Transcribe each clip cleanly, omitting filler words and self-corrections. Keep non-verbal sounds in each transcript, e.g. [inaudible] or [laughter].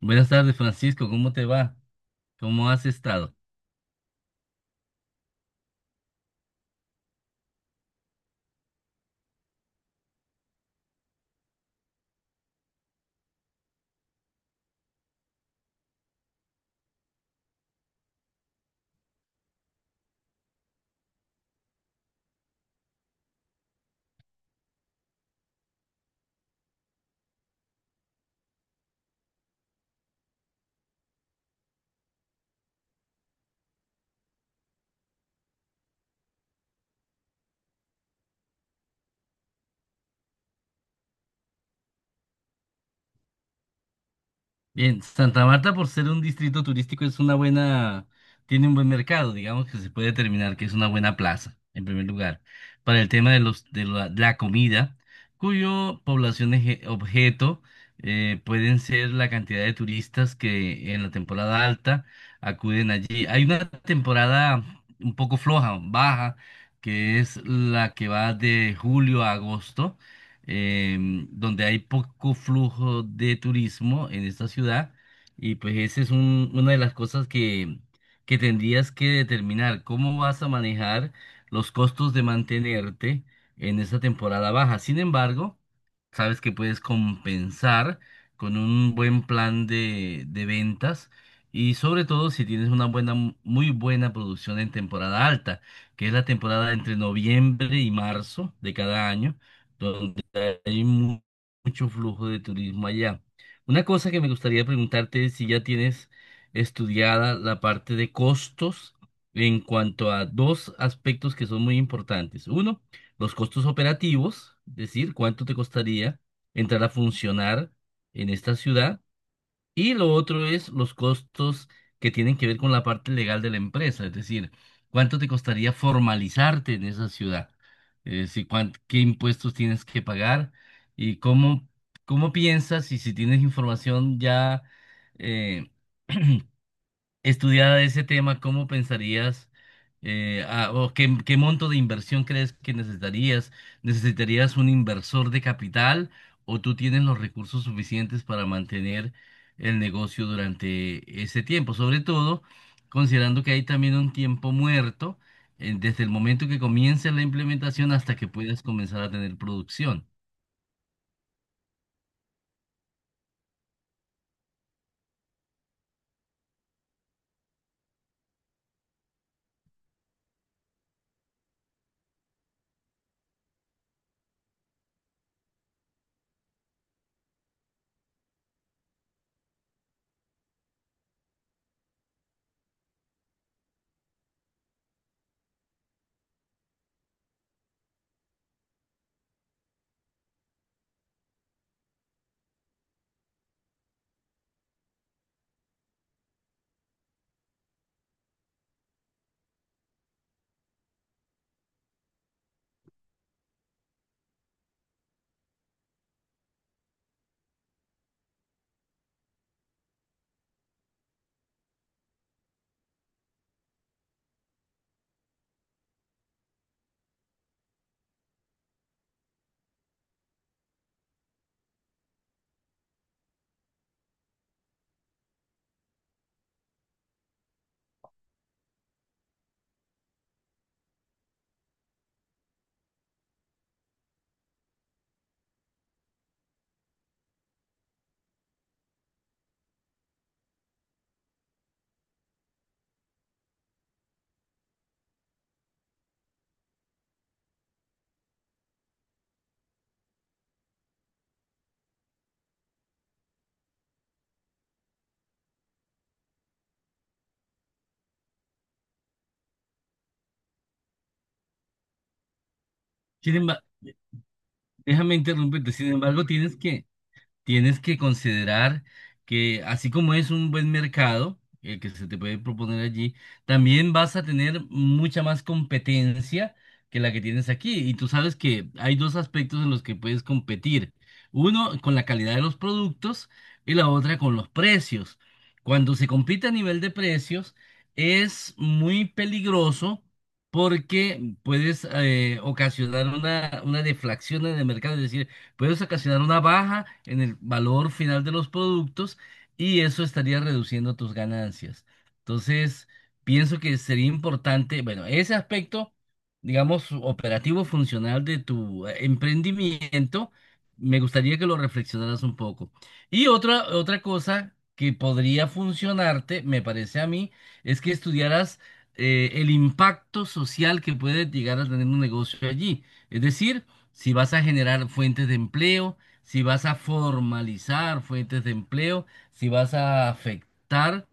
Buenas tardes, Francisco. ¿Cómo te va? ¿Cómo has estado? Bien, Santa Marta, por ser un distrito turístico, es una buena, tiene un buen mercado, digamos que se puede determinar que es una buena plaza, en primer lugar, para el tema de los de la comida, cuyo población objeto pueden ser la cantidad de turistas que en la temporada alta acuden allí. Hay una temporada un poco floja, baja, que es la que va de julio a agosto donde hay poco flujo de turismo en esta ciudad y pues esa es una de las cosas que tendrías que determinar, cómo vas a manejar los costos de mantenerte en esta temporada baja. Sin embargo, sabes que puedes compensar con un buen plan de ventas. Y sobre todo si tienes una buena, muy buena producción en temporada alta, que es la temporada entre noviembre y marzo de cada año, donde hay mu- mucho flujo de turismo allá. Una cosa que me gustaría preguntarte es si ya tienes estudiada la parte de costos en cuanto a dos aspectos que son muy importantes. Uno, los costos operativos, es decir, cuánto te costaría entrar a funcionar en esta ciudad. Y lo otro es los costos que tienen que ver con la parte legal de la empresa, es decir, cuánto te costaría formalizarte en esa ciudad. Si cuán- ¿Qué impuestos tienes que pagar y cómo, cómo piensas y si tienes información ya eh, [clears throat] estudiada ese tema? ¿Cómo pensarías, qué monto de inversión crees que necesitarías? ¿Necesitarías un inversor de capital o tú tienes los recursos suficientes para mantener el negocio durante ese tiempo? Sobre todo, considerando que hay también un tiempo muerto desde el momento que comience la implementación hasta que puedas comenzar a tener producción. Sin embargo, déjame interrumpirte, sin embargo, tienes que considerar que así como es un buen mercado, el que se te puede proponer allí, también vas a tener mucha más competencia que la que tienes aquí. Y tú sabes que hay dos aspectos en los que puedes competir. Uno con la calidad de los productos y la otra con los precios. Cuando se compite a nivel de precios es muy peligroso porque puedes ocasionar una deflación en el mercado. Es decir, puedes ocasionar una baja en el valor final de los productos y eso estaría reduciendo tus ganancias. Entonces, pienso que sería importante, bueno, ese aspecto, digamos, operativo funcional de tu emprendimiento, me gustaría que lo reflexionaras un poco. Y otra cosa que podría funcionarte, me parece a mí, es que estudiaras el impacto social que puede llegar a tener un negocio allí. Es decir, si vas a generar fuentes de empleo, si vas a formalizar fuentes de empleo, si vas a afectar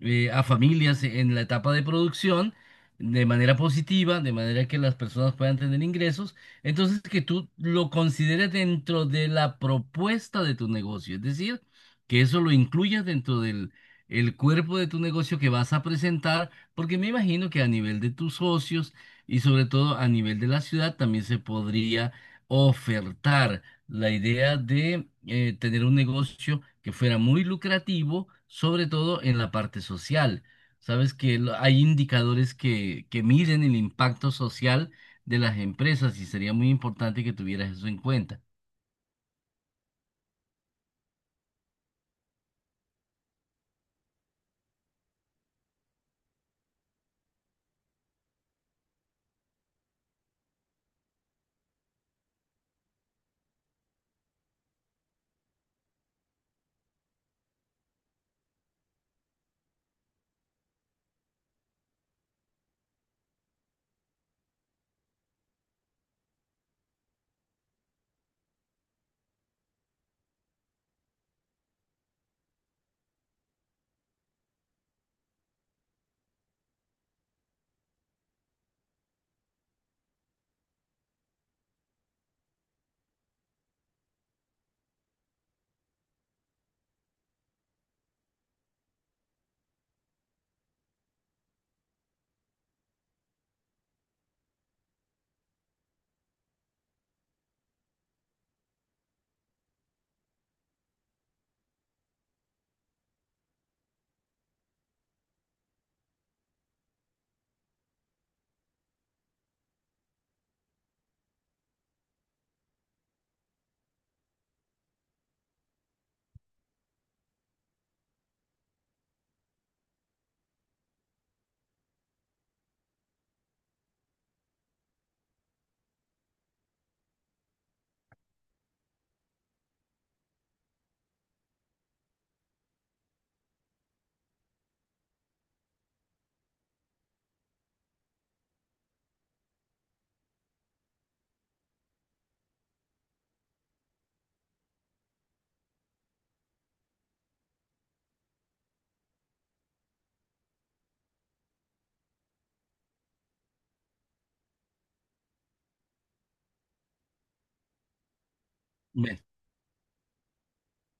a familias en la etapa de producción de manera positiva, de manera que las personas puedan tener ingresos, entonces que tú lo consideres dentro de la propuesta de tu negocio, es decir, que eso lo incluyas dentro del el cuerpo de tu negocio que vas a presentar, porque me imagino que a nivel de tus socios, y sobre todo a nivel de la ciudad también se podría ofertar la idea de tener un negocio que fuera muy lucrativo, sobre todo en la parte social. Sabes que hay indicadores que miden el impacto social de las empresas y sería muy importante que tuvieras eso en cuenta.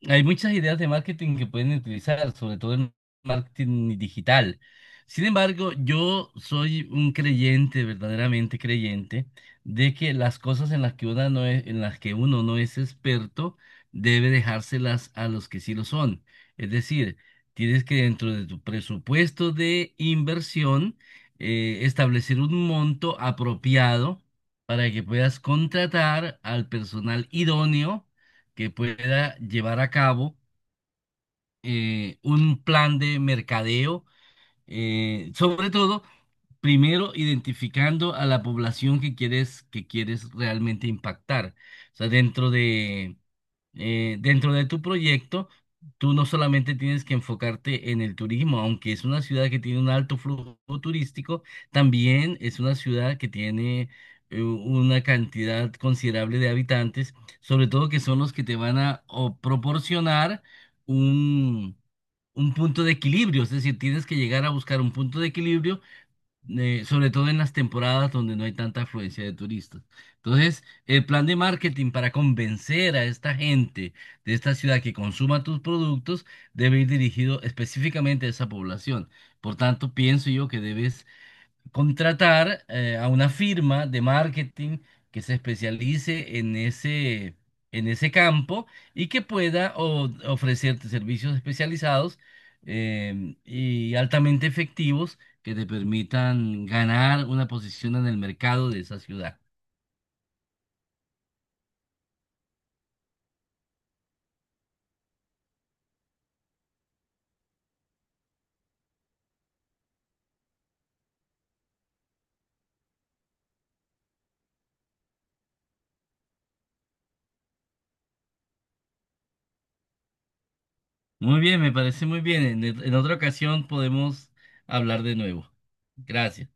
Hay muchas ideas de marketing que pueden utilizar, sobre todo en marketing digital. Sin embargo, yo soy un creyente, verdaderamente creyente, de que las cosas en las que uno no es, en las que uno no es experto, debe dejárselas a los que sí lo son. Es decir, tienes que dentro de tu presupuesto de inversión, establecer un monto apropiado para que puedas contratar al personal idóneo que pueda llevar a cabo un plan de mercadeo, sobre todo primero identificando a la población que quieres realmente impactar. O sea, dentro de tu proyecto, tú no solamente tienes que enfocarte en el turismo, aunque es una ciudad que tiene un alto flujo turístico, también es una ciudad que tiene una cantidad considerable de habitantes, sobre todo que son los que te van a o, proporcionar un... un punto de equilibrio, es decir, tienes que llegar a buscar un punto de equilibrio sobre todo en las temporadas donde no hay tanta afluencia de turistas. Entonces, el plan de marketing para convencer a esta gente de esta ciudad que consuma tus productos debe ir dirigido específicamente a esa población. Por tanto, pienso yo que debes contratar a una firma de marketing que se especialice en ese campo y que pueda ofrecerte servicios especializados y altamente efectivos que te permitan ganar una posición en el mercado de esa ciudad. Muy bien, me parece muy bien. En otra ocasión podemos hablar de nuevo. Gracias.